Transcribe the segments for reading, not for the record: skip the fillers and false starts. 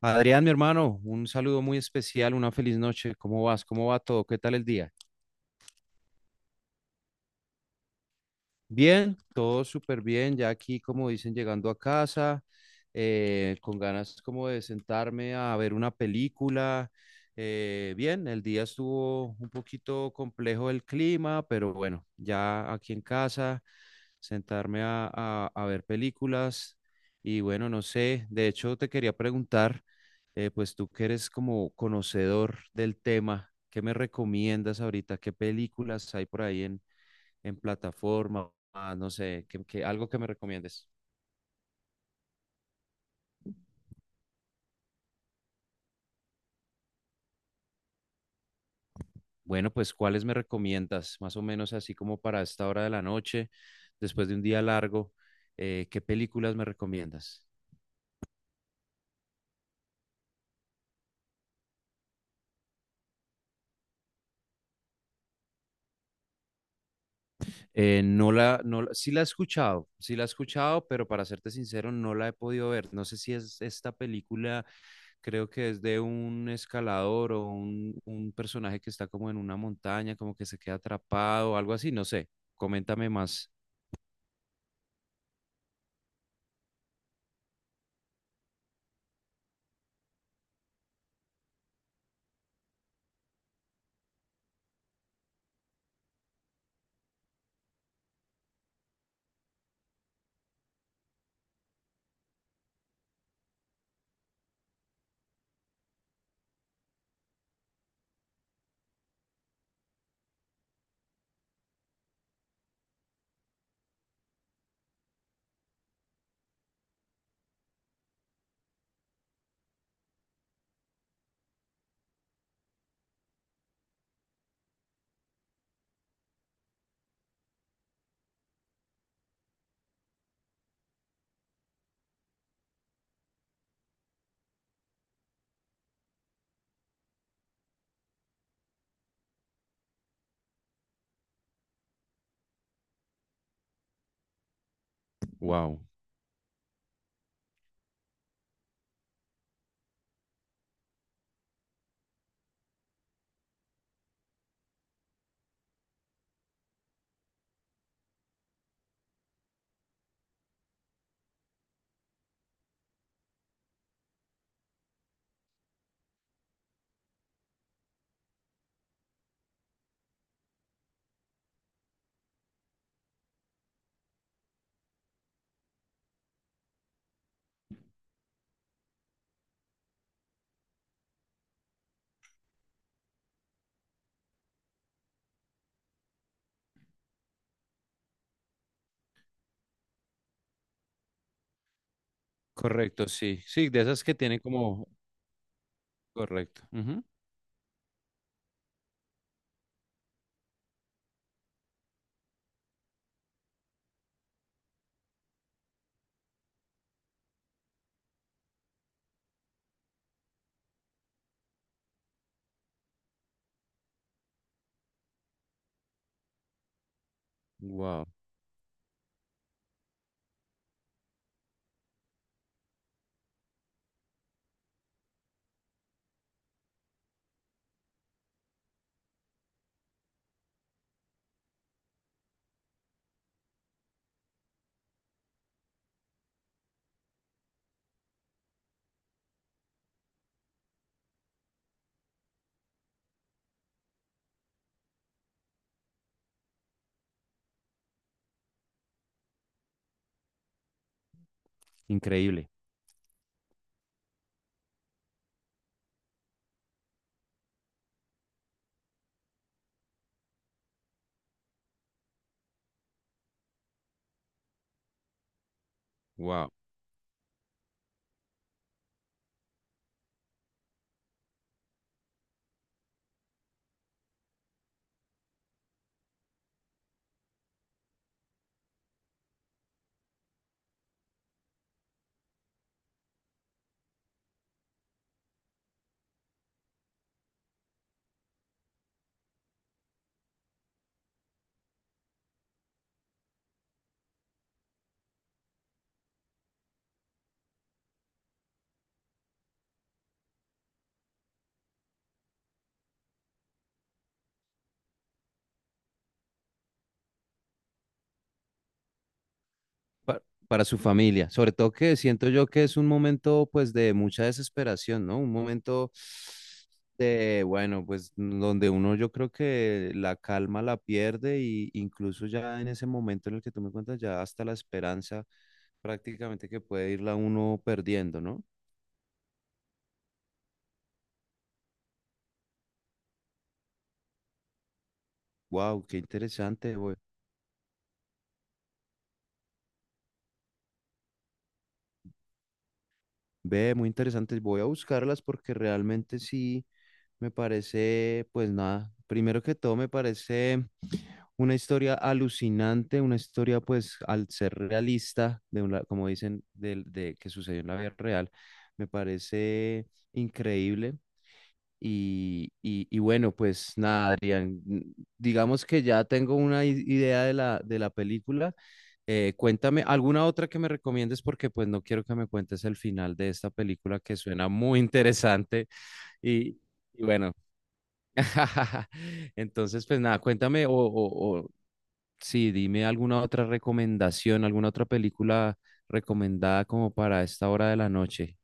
Adrián, mi hermano, un saludo muy especial, una feliz noche. ¿Cómo vas? ¿Cómo va todo? ¿Qué tal el día? Bien, todo súper bien, ya aquí como dicen, llegando a casa, con ganas como de sentarme a ver una película. Bien, el día estuvo un poquito complejo el clima, pero bueno, ya aquí en casa, sentarme a ver películas y bueno, no sé, de hecho te quería preguntar, pues tú que eres como conocedor del tema, ¿qué me recomiendas ahorita? ¿Qué películas hay por ahí en plataforma, ah, no sé, algo que me recomiendes? Bueno, pues, ¿cuáles me recomiendas? Más o menos así como para esta hora de la noche, después de un día largo, ¿qué películas me recomiendas? No la, no, la- sí la he escuchado, sí la he escuchado, pero para serte sincero, no la he podido ver. No sé si es esta película, creo que es de un escalador o un personaje que está como en una montaña, como que se queda atrapado, algo así, no sé. Coméntame más. Wow. Correcto, sí. Sí, de esas que tienen como... Correcto, ujú. Wow. Increíble. Wow. Pa- para su familia. Sobre todo que siento yo que es un momento pues de mucha desesperación, ¿no? Un momento de, bueno, pues donde uno yo creo que la calma la pierde, y incluso ya en ese momento en el que tú me cuentas, ya hasta la esperanza prácticamente que puede irla uno perdiendo, ¿no? Wow, qué interesante. Ve, muy interesantes. Voy a buscarlas porque realmente sí me parece, pues nada, primero que todo me parece una historia alucinante, una historia pues al ser realista, de una, como dicen, que sucedió en la vida real, me parece increíble. Y bueno, pues nada, Adrián, digamos que ya tengo una idea de la película. Cuéntame alguna otra que me recomiendes porque pues no quiero que me cuentes el final de esta película que suena muy interesante y, y bueno, entonces pues nada, cuéntame o sí, dime alguna otra recomendación, alguna otra película recomendada como para esta hora de la noche.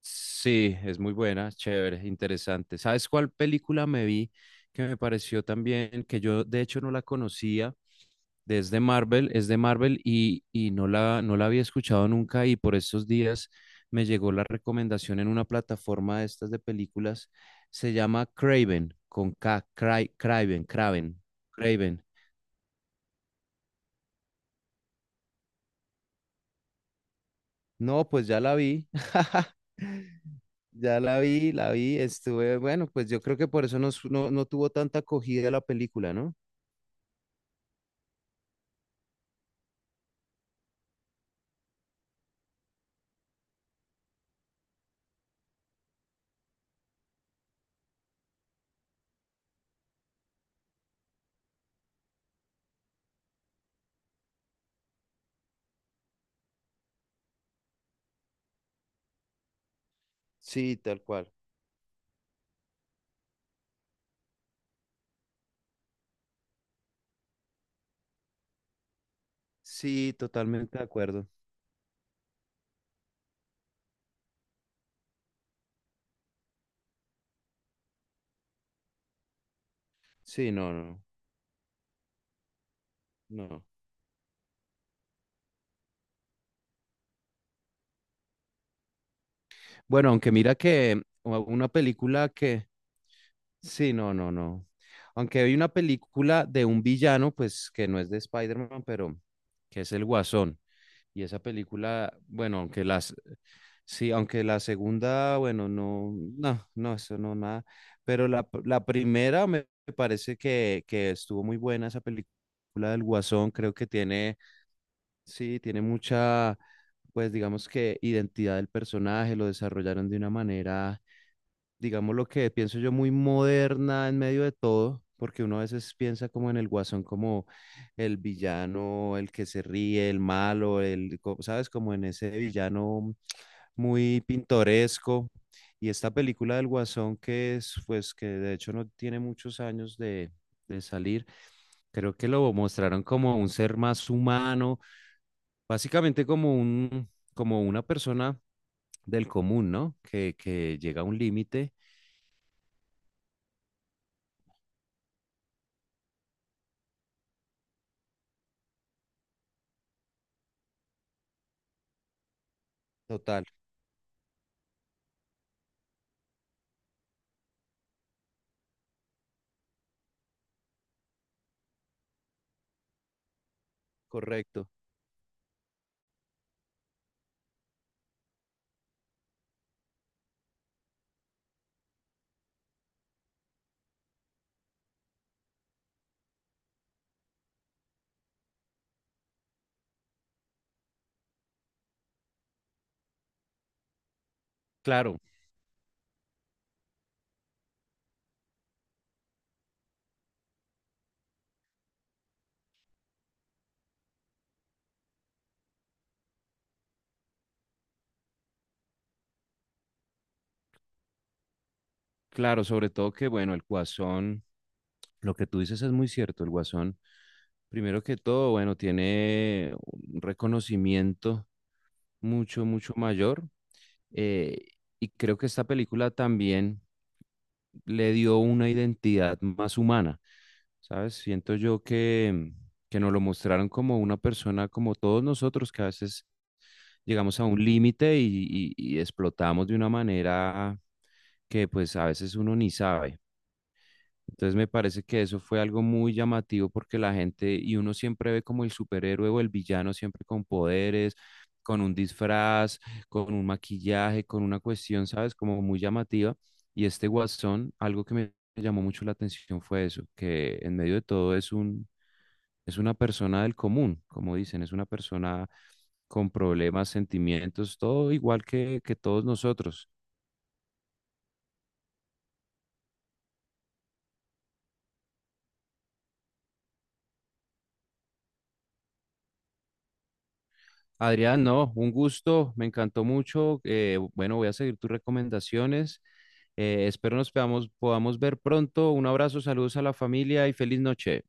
Sí, es muy buena, chévere, interesante. ¿Sabes cuál película me vi que me pareció también, que yo de hecho no la conocía, desde Marvel? Es de Marvel y no la había escuchado nunca, y por estos días me llegó la recomendación en una plataforma de estas de películas. Se llama Craven, con K, Craven. No, pues ya la vi. Ya la vi, estuve, bueno, pues yo creo que por eso no, no tuvo tanta acogida la película, ¿no? Sí, tal cual. Sí, totalmente de acuerdo. Sí, no, no, no. Bueno, aunque mira que una película que... Sí, no, no, no. Aunque hay una película de un villano, pues que no es de Spider-Man, pero que es el Guasón. Y esa película, bueno, aunque las, sí, aunque la segunda, bueno, no, no, no, eso no, nada. Pero la, la primera me parece que estuvo muy buena esa película del Guasón. Creo que tiene, sí, tiene mucha, pues digamos que identidad del personaje, lo desarrollaron de una manera, digamos lo que pienso yo, muy moderna en medio de todo, porque uno a veces piensa como en el Guasón, como el villano, el que se ríe, el malo, ¿sabes? Como en ese villano muy pintoresco. Y esta película del Guasón, que es, pues, que de hecho no tiene muchos años de salir, creo que lo mostraron como un ser más humano, básicamente como un, como una persona del común, ¿no? Que llega a un límite. Total, correcto. Claro, claro, sobre todo que, bueno, el guasón, lo que tú dices es muy cierto, el guasón, primero que todo, bueno, tiene un reconocimiento mucho, mucho mayor. eh, y creo que esta película también le dio una identidad más humana, ¿sabes? Siento yo que nos lo mostraron como una persona, como todos nosotros, que a veces llegamos a un límite y explotamos de una manera que pues a veces uno ni sabe. Entonces me parece que eso fue algo muy llamativo porque la gente, y uno siempre ve como el superhéroe o el villano, siempre con poderes, con un disfraz, con un maquillaje, con una cuestión, ¿sabes? Como muy llamativa. Y este Guasón, algo que me llamó mucho la atención fue eso, que en medio de todo es un, es una persona del común, como dicen, es una persona con problemas, sentimientos, todo igual que todos nosotros. Adrián, no, un gusto, me encantó mucho. Bueno, voy a seguir tus recomendaciones. Espero nos podamos, podamos ver pronto. Un abrazo, saludos a la familia y feliz noche.